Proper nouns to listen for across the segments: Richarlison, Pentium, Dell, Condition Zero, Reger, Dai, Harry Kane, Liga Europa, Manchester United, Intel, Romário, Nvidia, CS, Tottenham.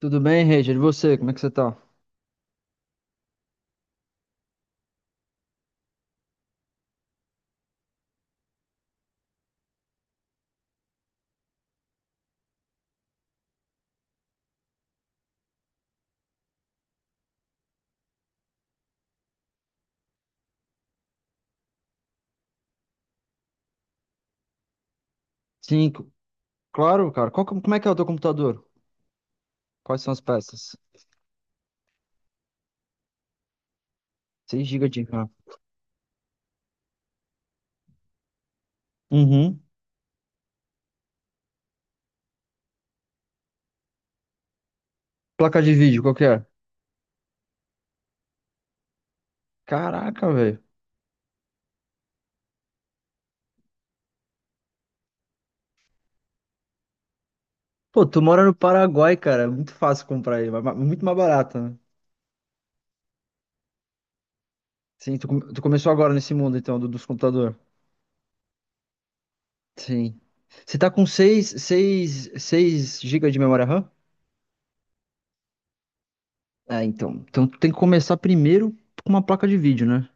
Tudo bem, Reger? E você, como é que você tá? Sim, claro, cara. Como é que é o teu computador? Quais são as peças? 6 gigas de RAM. Uhum. Placa de vídeo, qual que é? Caraca, velho. Pô, tu mora no Paraguai, cara. É muito fácil comprar aí. Muito mais barato, né? Sim, tu começou agora nesse mundo, então, dos computadores. Sim. Você tá com seis gigas de memória RAM? É, então. Então tu tem que começar primeiro com uma placa de vídeo, né?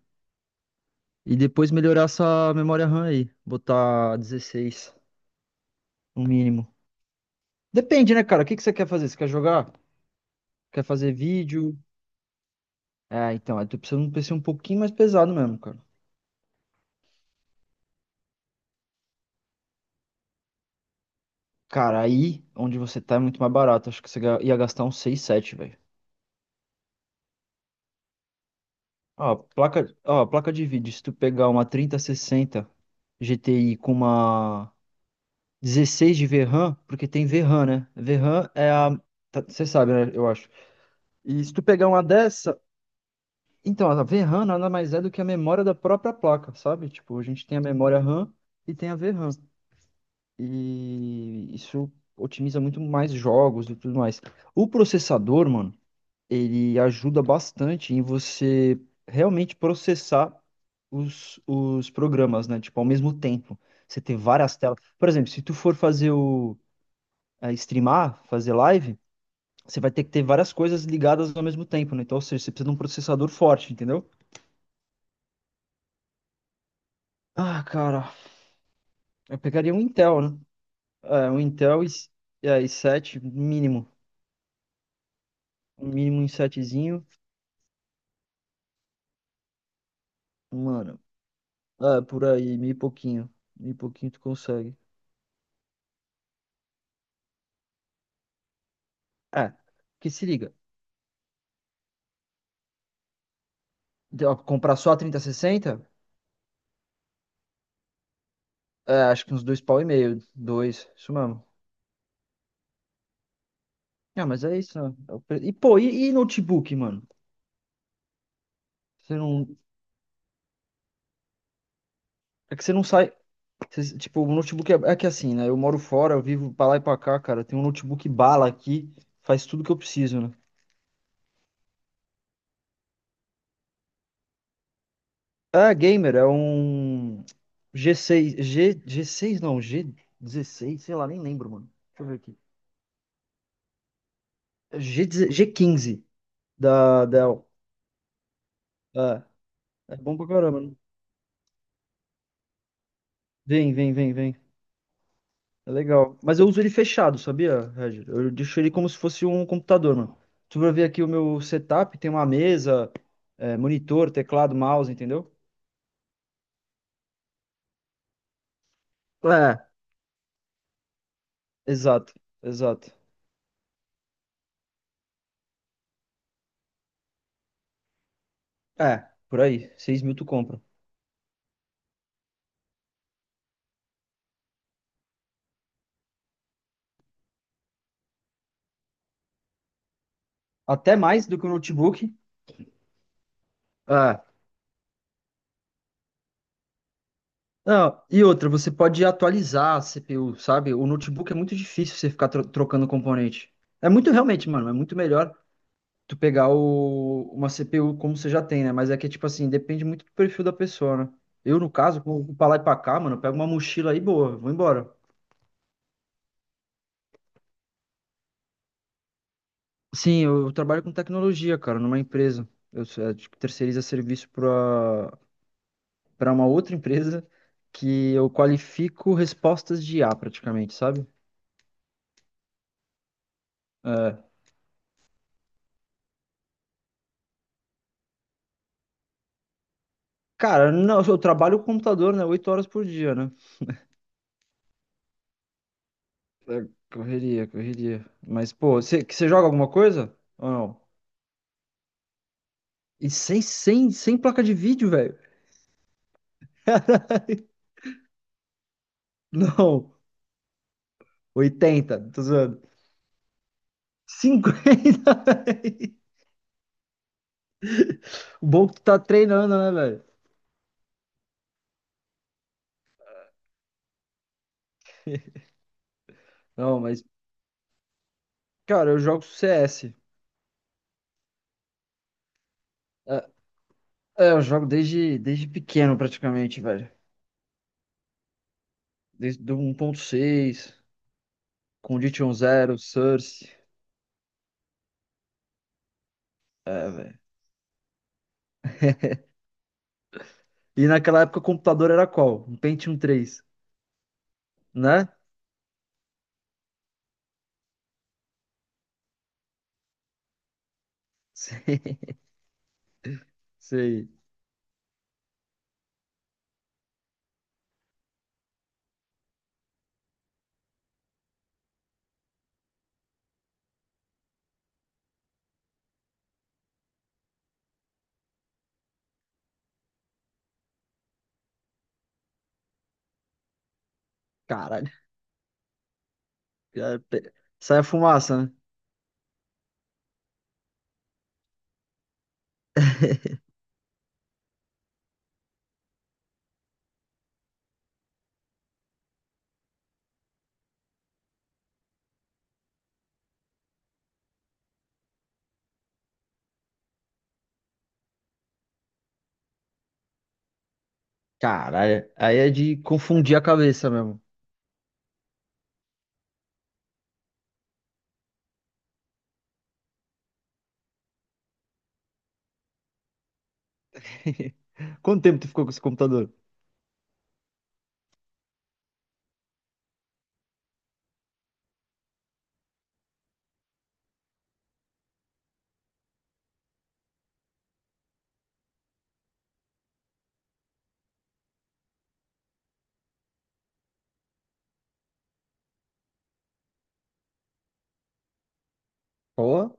E depois melhorar essa memória RAM aí. Botar 16, no mínimo. Depende, né, cara? O que que você quer fazer? Você quer jogar? Quer fazer vídeo? É, então, aí tu precisa de um PC um pouquinho mais pesado mesmo, cara. Cara, aí onde você tá é muito mais barato. Acho que você ia gastar uns seis, sete, velho. Ó, placa de vídeo. Se tu pegar uma 3060 GTI com uma 16 de VRAM, porque tem VRAM, né? VRAM é a. Você sabe, né? Eu acho. E se tu pegar uma dessa. Então, a VRAM nada mais é do que a memória da própria placa, sabe? Tipo, a gente tem a memória RAM e tem a VRAM. E isso otimiza muito mais jogos e tudo mais. O processador, mano, ele ajuda bastante em você realmente processar os programas, né? Tipo, ao mesmo tempo. Você ter várias telas. Por exemplo, se tu for fazer streamar, fazer live, você vai ter que ter várias coisas ligadas ao mesmo tempo, né? Então, ou seja, você precisa de um processador forte, entendeu? Ah, cara, eu pegaria um Intel, né? É, um Intel i7 mínimo, um mínimo i7zinho. Mano, ah, por aí, meio pouquinho. Meio pouquinho tu consegue. É, que se liga. Ó, comprar só a 3060? É, acho que uns dois pau e meio. Dois, isso mesmo. Ah, mas é isso, né? E, pô, e notebook, mano? Você não. É que você não sai. Tipo, o notebook é que assim, né? Eu moro fora, eu vivo pra lá e pra cá, cara. Eu tenho um notebook bala aqui. Faz tudo que eu preciso, né? É, gamer, é um G6, G, seis g g 6 não, g dezesseis, sei lá, nem lembro, mano. Deixa eu ver aqui. G, G15 da Dell. É, é bom pra caramba, né? Vem, vem, vem, vem. É legal. Mas eu uso ele fechado, sabia, Regis? Eu deixo ele como se fosse um computador, mano. Tu vai ver aqui o meu setup, tem uma mesa, é, monitor, teclado, mouse, entendeu? É. Exato, exato. É, por aí. 6 mil tu compra. Até mais do que o notebook. É. Não, e outra, você pode atualizar a CPU, sabe? O notebook é muito difícil você ficar trocando componente. É muito realmente, mano, é muito melhor tu pegar uma CPU como você já tem, né? Mas é que, tipo assim, depende muito do perfil da pessoa, né? Eu, no caso, como pra lá e pra cá, mano, eu pego uma mochila aí, boa, vou embora. Sim, eu trabalho com tecnologia, cara, numa empresa. É, tipo, terceiriza serviço para uma outra empresa que eu qualifico respostas de IA praticamente, sabe? É. Cara, não, eu trabalho com computador, né? 8 horas por dia, né? É, correria, correria. Mas, pô, você joga alguma coisa? Ou não? E sem placa de vídeo, velho. Não, 80, tô zoando. 50, velho. O bom é que tu tá treinando, né, velho? Não, mas, cara, eu jogo CS. É, é, eu jogo desde pequeno, praticamente, velho. Desde do um 1.6, Condition Zero, Source. É, velho. E naquela época o computador era qual? Um Pentium 3, né? Sei, sei. Caralho. É, pe- Sai a fumaça, né? Caralho. Aí é de confundir a cabeça mesmo. Quanto tempo tu ficou com esse computador? Ó.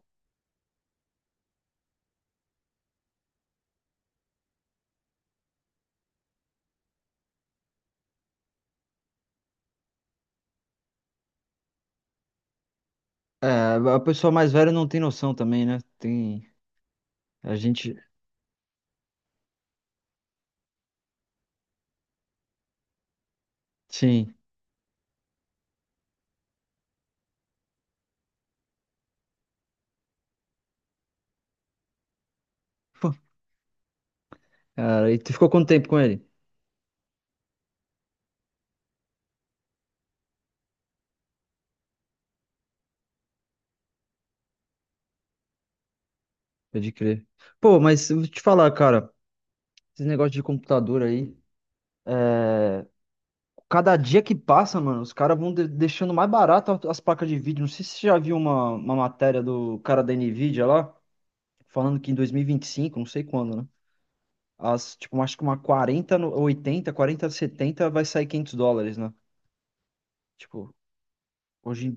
É, a pessoa mais velha não tem noção também, né? Tem. A gente. Sim. Cara, e tu ficou quanto tempo com ele? Pode crer. Pô, mas eu vou te falar, cara. Esse negócio de computador aí. é, Cada dia que passa, mano, os caras vão deixando mais barato as placas de vídeo. Não sei se você já viu uma matéria do cara da Nvidia lá, falando que em dois mil e vinte e cinco, não sei quando, né? As, tipo, acho que uma 40, 80, 40, 70 vai sair US$ 500, né? Tipo, hoje,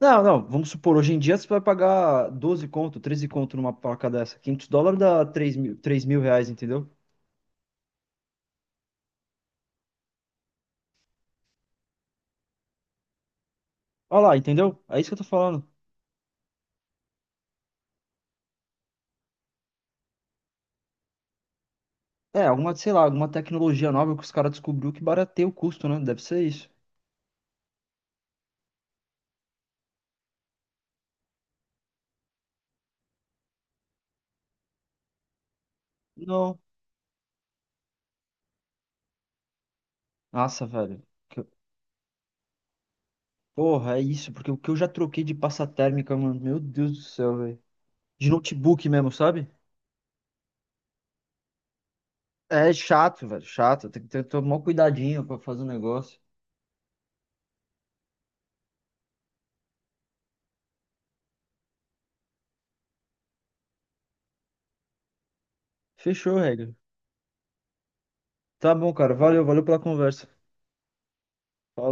não, não, vamos supor, hoje em dia você vai pagar 12 conto, 13 conto numa placa dessa. US$ 500 dá 3 mil, R$ 3.000, entendeu? Olha lá, entendeu? É isso que eu tô falando. É, alguma, sei lá, alguma tecnologia nova que os caras descobriu que barateia o custo, né? Deve ser isso. Não. Nossa, velho. Que- Porra, é isso, porque o que eu já troquei de pasta térmica, mano, meu Deus do céu, velho. De notebook mesmo, sabe? É chato, velho, chato. Tem que ter, tomar cuidadinho pra fazer o negócio. Fechou, regra. Tá bom, cara. Valeu, valeu pela conversa. Falou.